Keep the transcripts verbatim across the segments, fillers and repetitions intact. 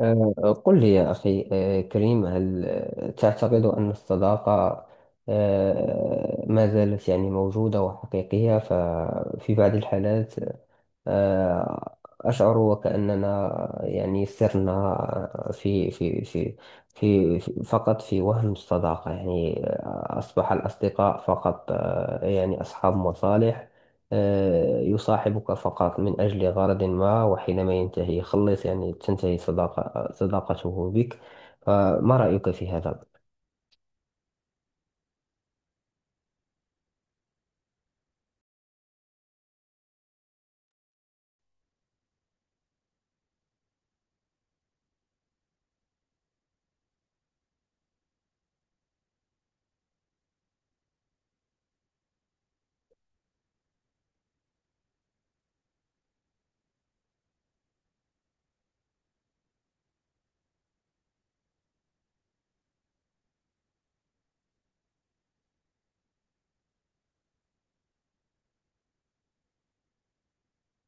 آه، قل لي يا أخي، آه، كريم، هل آه، تعتقد أن الصداقة آه، ما زالت يعني موجودة وحقيقية؟ ففي بعض الحالات آه، أشعر وكأننا يعني سرنا في في في في في- فقط في وهم الصداقة. يعني آه، أصبح الأصدقاء فقط، آه، يعني أصحاب مصالح، آه، يصاحبك فقط من أجل غرض ما، وحينما ينتهي خلص يعني تنتهي صداقة صداقته بك. فما رأيك في هذا؟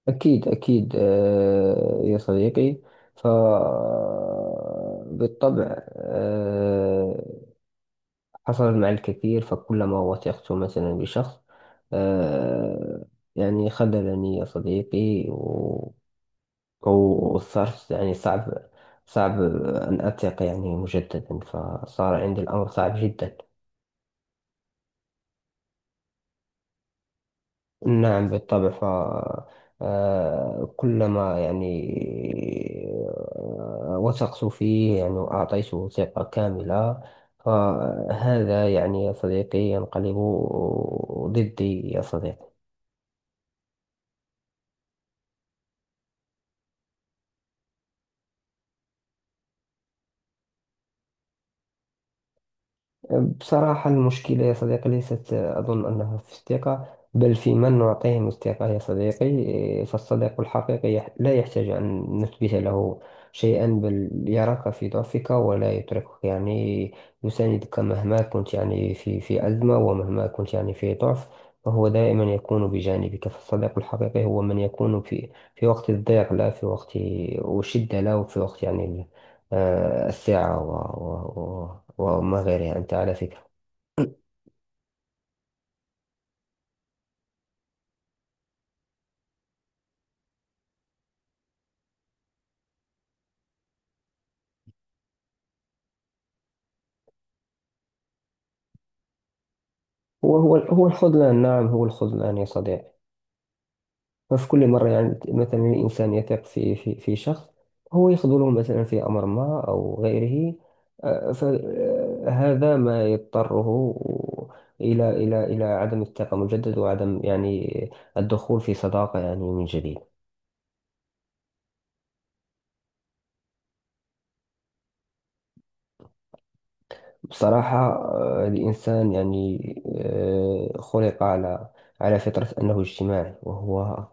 أكيد أكيد، آه، يا صديقي. فبالطبع آه، حصل مع الكثير. فكلما وثقت مثلا بشخص آه يعني خذلني يا صديقي، و- وصرت يعني صعب، صعب أن أثق يعني مجددا. فصار عندي الأمر صعب جدا. نعم بالطبع. ف آه، كلما يعني آه، وثقت فيه يعني وأعطيته ثقة كاملة، فهذا يعني يا صديقي ينقلب ضدي يا صديقي. بصراحة المشكلة يا صديقي ليست، أظن أنها في الثقة، بل في من نعطيهم الثقة يا صديقي. إيه، فالصديق الحقيقي يح- لا يحتاج أن نثبت له شيئا، بل يراك في ضعفك ولا يتركك، يعني يساندك مهما كنت يعني في في أزمة، ومهما كنت يعني في ضعف. فهو دائما يكون بجانبك. فالصديق الحقيقي هو من يكون في في وقت الضيق، لا في وقت الشدة، لا، وفي وقت يعني آه، الثعة و... و... و... وما غيرها. أنت على فكرة هو هو هو الخذلان، نعم هو الخذلان يا صديقي. ففي كل مرة يعني مثلا الإنسان يثق في في, في شخص، هو يخذله مثلا في أمر ما أو غيره. فهذا ما يضطره إلى إلى إلى عدم الثقة مجدد، وعدم يعني الدخول في صداقة يعني من جديد. بصراحة آه، الإنسان يعني آه، خلق على على فطرة أنه اجتماعي، وهو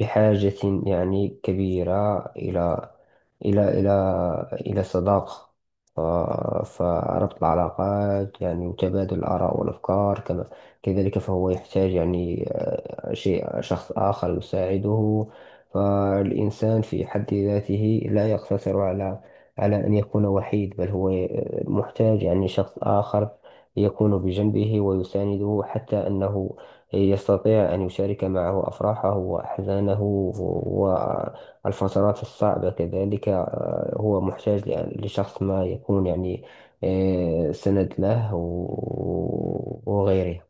بحاجة يعني كبيرة إلى إلى إلى إلى صداقة. ف- فربط العلاقات يعني وتبادل الآراء والأفكار كما كذلك، فهو يحتاج يعني آه، شيء شخص آخر يساعده. فالإنسان في حد ذاته لا يقتصر على على أن يكون وحيد، بل هو محتاج يعني شخص آخر يكون بجنبه ويسانده، حتى أنه يستطيع أن يشارك معه أفراحه وأحزانه والفترات الصعبة كذلك. آه، هو محتاج ل- لشخص ما يكون يعني آه، سند له، و- وغيره.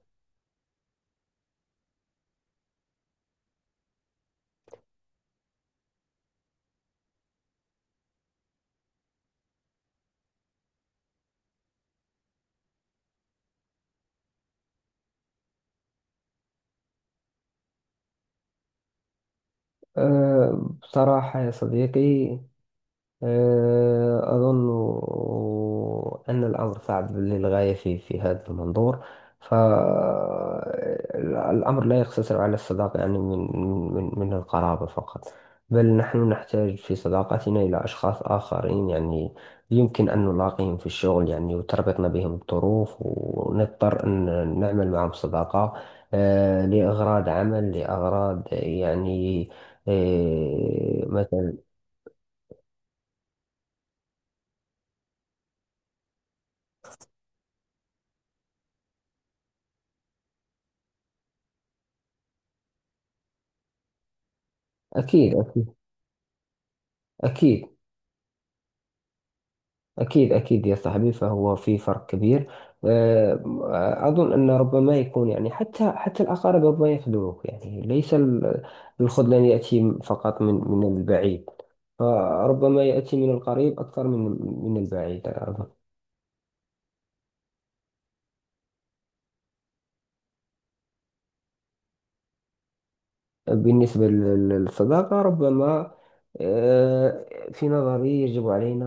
آه، بصراحة يا صديقي، آه، أظن أن الأمر صعب للغاية في في هذا المنظور. فالأمر لا يقتصر على الصداقة يعني من من من القرابة فقط، بل نحن نحتاج في صداقتنا إلى أشخاص آخرين، يعني يمكن أن نلاقيهم في الشغل يعني، وتربطنا بهم الظروف، ونضطر أن نعمل معهم صداقة آه، لأغراض عمل، لأغراض يعني آه، مثلا. أكيد أكيد. أكيد. أكيد أكيد يا صاحبي، فهو في فرق كبير. آه، أظن أن ربما يكون يعني حتى حتى الأقارب ربما يخدعوك، يعني ليس ال- الخذلان يأتي فقط من من البعيد، فربما يأتي من القريب أكثر من من البعيد. بالنسبة لل- للصداقة ربما، آه، في نظري يجب علينا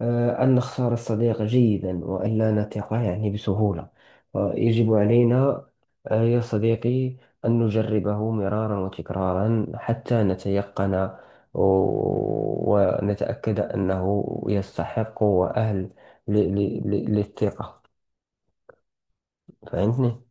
آه، أن نختار الصديق جيدا، وأن لا نثق يعني بسهولة. آه، يجب علينا آه، يا صديقي أن نجربه مرارا وتكرارا حتى نتيقن و- ونتأكد أنه يستحق وأهل ل- ل- ل- للثقة. فهمتني؟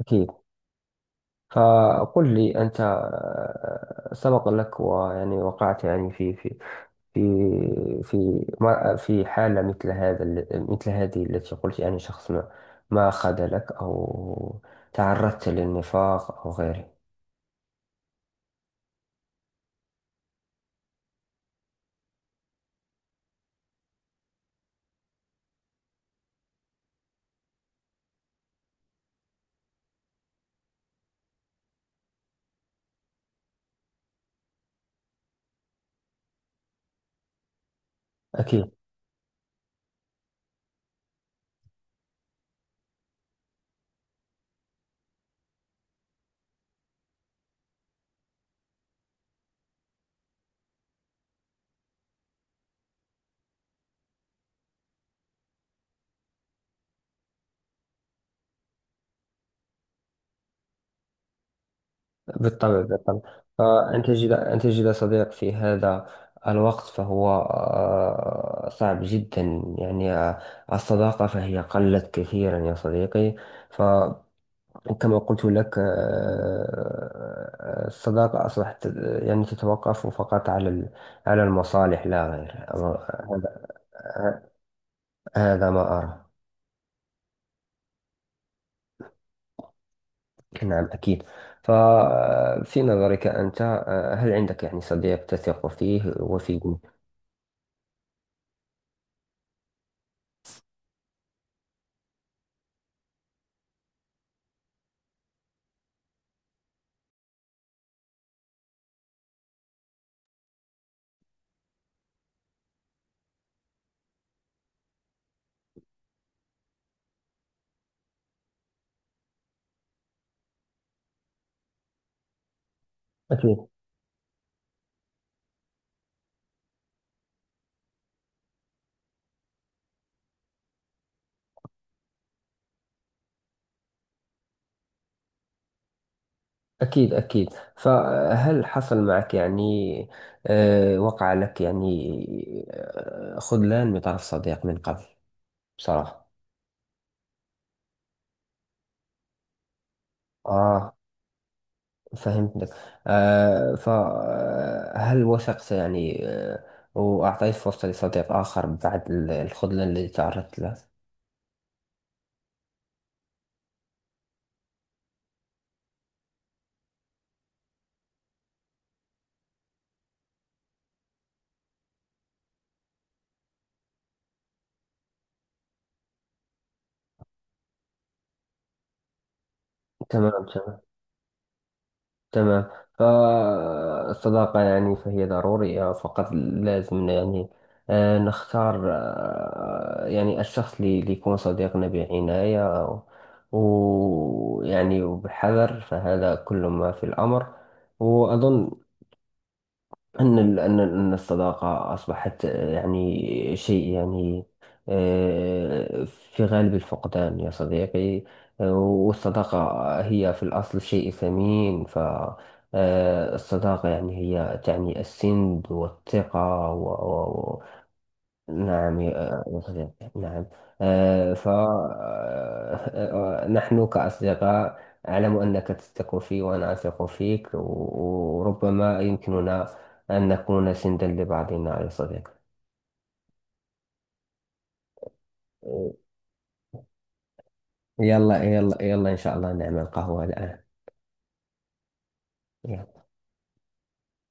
أكيد. فقل لي أنت، آه، سبق لك ويعني وقعت يعني في في في في ما- في حالة مثل هذا ال- مثل هذه التي قلت، يعني شخص ما ما خذلك، أو تعرضت للنفاق أو غيره. أكيد. بالطبع بالطبع. فأن تجد، أن تجد صديق في هذا الوقت فهو آه، صعب جدا، يعني آه، الصداقة فهي قلت كثيرا يا صديقي. ف وكما قلت لك آه، آه، الصداقة أصبحت آه، يعني تتوقف فقط على ال- على المصالح لا غير. أما- هذا هذا ما أرى. نعم أكيد. ففي نظرك أنت، آه، هل عندك يعني صديق تثق فيه وفيه؟ أكيد. أكيد أكيد. فهل حصل معك يعني، آه، وقع لك يعني آه، خذلان من طرف صديق من قبل، بصراحة؟ آه فهمتك. آه فهل وثقت يعني آه وأعطيت فرصة لصديق آخر بعد ال- الخذلان الذي تعرضت له؟ تمام تمام. تمام. فالصداقة يعني فهي ضرورية، فقط لازم يعني آه نختار آه يعني الشخص اللي اللي يكون صديقنا بعناية، ويعني وبحذر. فهذا كل ما في الأمر. وأظن أن ال- أن ال- أن الصداقة أصبحت، آه، يعني شيء يعني آه، في غالب الفقدان يا صديقي. آه، والصداقة هي في الأصل شيء ثمين. فالصداقة يعني هي تعني السند والثقة. نعم يا يا صديقي، نعم. آه، ف آه، آه، آه، نحن كأصدقاء، أعلم أنك تثق في وأنا أثق فيك، و- وربما يمكننا أن نكون سندا لبعضنا يا صديقي. آه، يلا يلا يلا، إن شاء الله نعمل قهوة الآن. يلا.